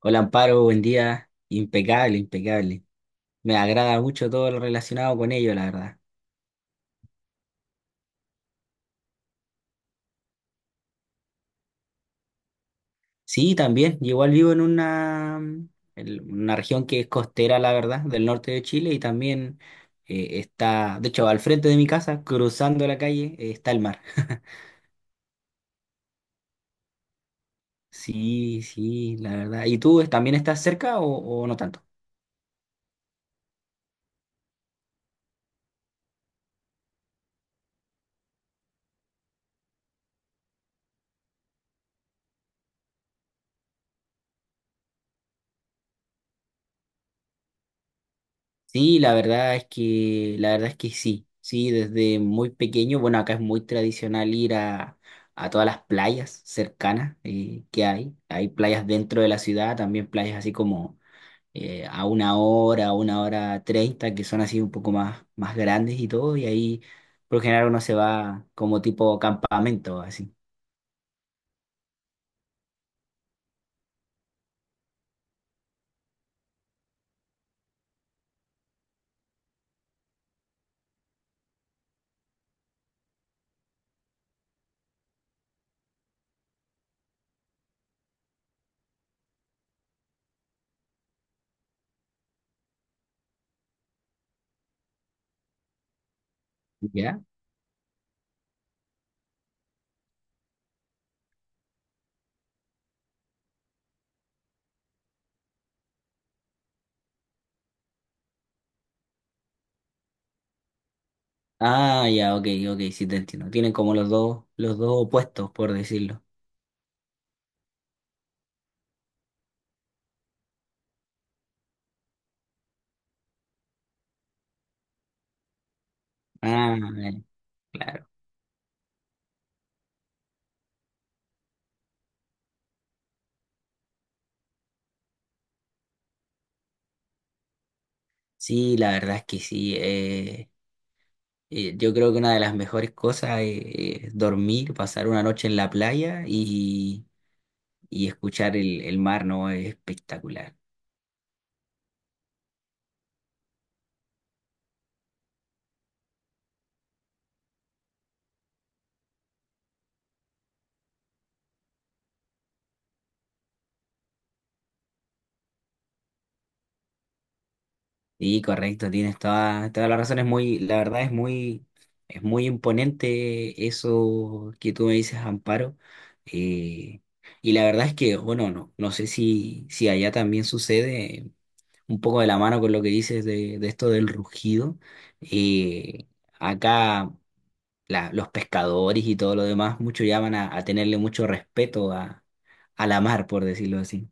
Hola Amparo, buen día. Impecable, impecable. Me agrada mucho todo lo relacionado con ello, la verdad. Sí, también. Yo igual vivo en una región que es costera, la verdad, del norte de Chile y también está, de hecho, al frente de mi casa, cruzando la calle, está el mar. Sí, sí, la verdad. ¿Y tú también estás cerca o no tanto? Sí, la verdad es que, la verdad es que sí, sí, desde muy pequeño, bueno, acá es muy tradicional ir a todas las playas cercanas que hay. Hay playas dentro de la ciudad, también playas así como a una hora treinta, que son así un poco más, más grandes y todo, y ahí por lo general uno se va como tipo campamento, así. ¿Ya? Ah, ya, ok, ok, sí te entiendo. Tienen como los dos opuestos, por decirlo. Ah, eh, claro. Sí, la verdad es que sí. Yo creo que una de las mejores cosas es dormir, pasar una noche en la playa y escuchar el mar, ¿no? Es espectacular. Sí, correcto, tienes toda, toda la razón. Es muy, la verdad es muy imponente eso que tú me dices, Amparo. eh, y la verdad es que, bueno, no, no sé si, si allá también sucede un poco de la mano con lo que dices de esto del rugido. eh, Acá los pescadores y todo lo demás, muchos llaman a tenerle mucho respeto a la mar, por decirlo así.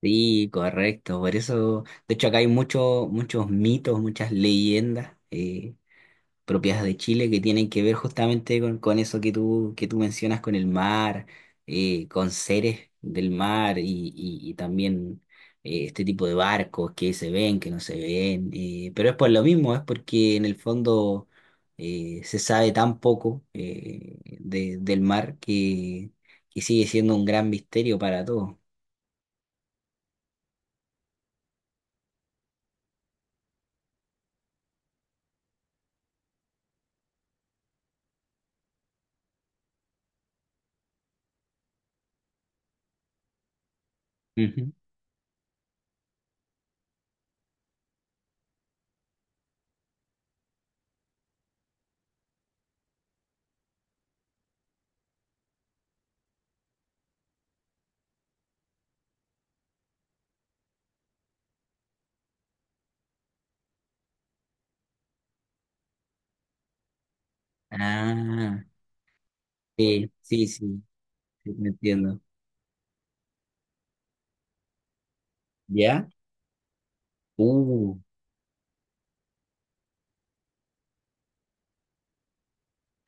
Sí, correcto. Por eso, de hecho, acá hay muchos muchos mitos, muchas leyendas. Propias de Chile que tienen que ver justamente con eso que tú mencionas, con el mar, con seres del mar y, y también este tipo de barcos que se ven, que no se ven. Pero es por lo mismo, es porque en el fondo se sabe tan poco del mar que sigue siendo un gran misterio para todos. Ujú. Ah, sí, sí, sí, sí, te entiendo. ¿Ya? Uh.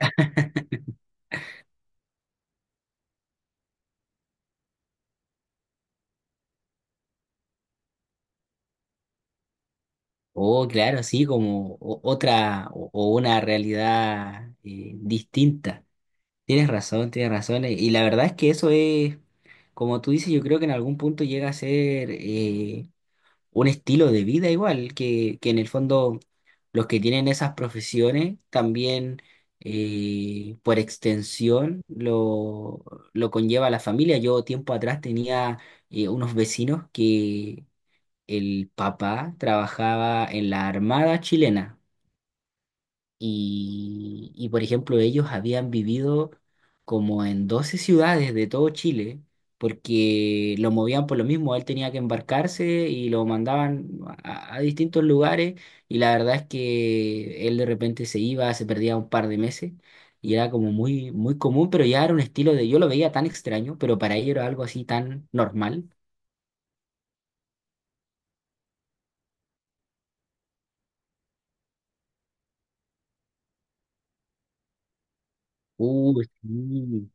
Oh, claro, sí, como otra o una realidad distinta. Tienes razón, tienes razón. Y la verdad es que eso es, como tú dices, yo creo que en algún punto llega a ser un estilo de vida igual, que en el fondo los que tienen esas profesiones también por extensión lo conlleva la familia. Yo tiempo atrás tenía unos vecinos, el papá trabajaba en la Armada chilena y, por ejemplo, ellos habían vivido como en 12 ciudades de todo Chile porque lo movían por lo mismo, él tenía que embarcarse y lo mandaban a distintos lugares y la verdad es que él de repente se iba, se perdía un par de meses. Y era como muy, muy común, pero ya era un estilo de, yo lo veía tan extraño, pero para ellos era algo así tan normal. Sí.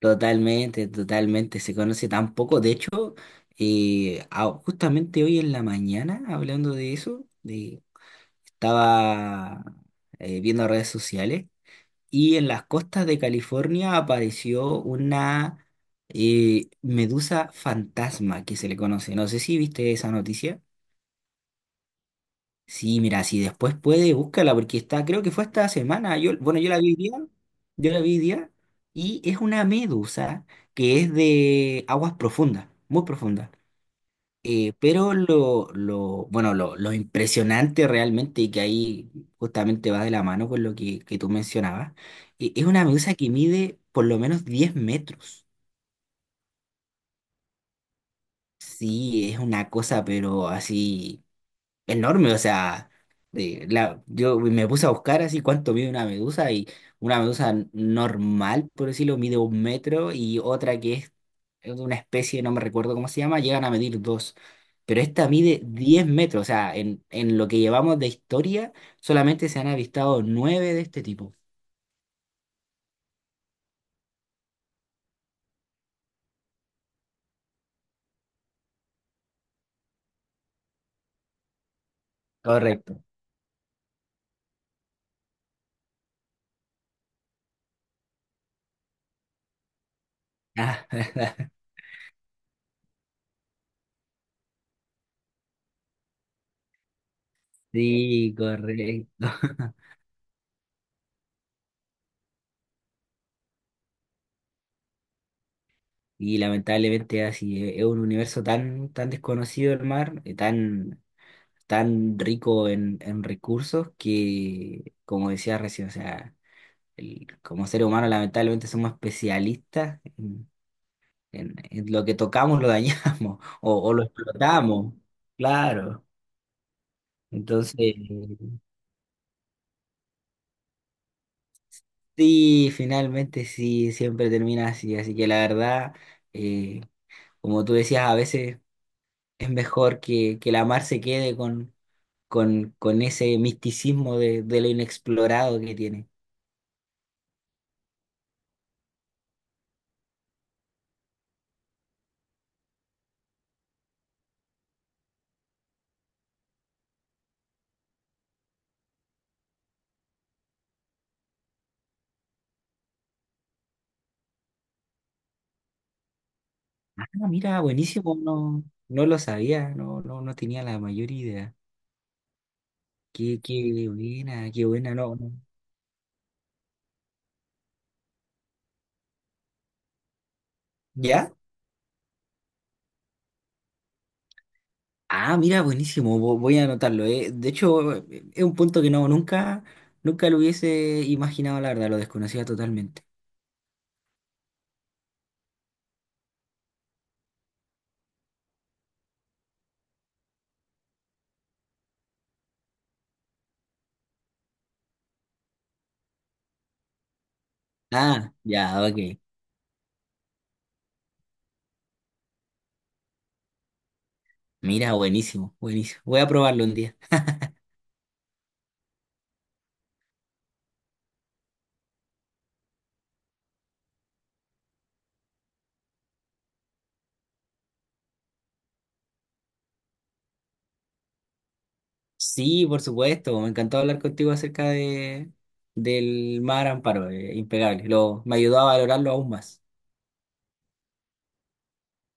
Totalmente, totalmente. Se conoce tan poco. De hecho, justamente hoy en la mañana, hablando de eso, estaba viendo redes sociales y en las costas de California apareció una medusa fantasma que se le conoce. No sé si viste esa noticia. Sí, mira, si después puede, búscala, porque está, creo que fue esta semana. Yo, bueno, yo la vi hoy día, yo la vi hoy día, y es una medusa que es de aguas profundas, muy profundas. Pero lo, bueno, lo impresionante realmente, y que ahí justamente va de la mano con lo que tú mencionabas, es una medusa que mide por lo menos 10 metros. Sí, es una cosa, pero así enorme, o sea, de la, yo me puse a buscar así cuánto mide una medusa y una medusa normal, por decirlo, mide un metro y otra que es de una especie, no me recuerdo cómo se llama, llegan a medir dos. Pero esta mide 10 metros, o sea, en lo que llevamos de historia solamente se han avistado nueve de este tipo. Correcto. Ah, sí, correcto. Y lamentablemente así es un universo tan, tan desconocido el mar, tan tan rico en recursos que, como decía recién, o sea, como ser humano lamentablemente somos especialistas en, en lo que tocamos lo dañamos o lo explotamos, claro. Entonces, sí, finalmente sí, siempre termina así, así que la verdad, eh, como tú decías, a veces es mejor que la mar se quede con ese misticismo de lo inexplorado que tiene. Ah, mira, buenísimo, no, no lo sabía, no, no, no tenía la mayor idea. Qué, qué buena, no, no. ¿Ya? Ah, mira, buenísimo, voy a anotarlo, eh. De hecho, es un punto que no, nunca, nunca lo hubiese imaginado, la verdad, lo desconocía totalmente. Ah, ya, ok. Mira, buenísimo, buenísimo. Voy a probarlo un día. Sí, por supuesto, me encantó hablar contigo acerca de, del Mar Amparo, impecable. Lo, me ayudó a valorarlo aún más.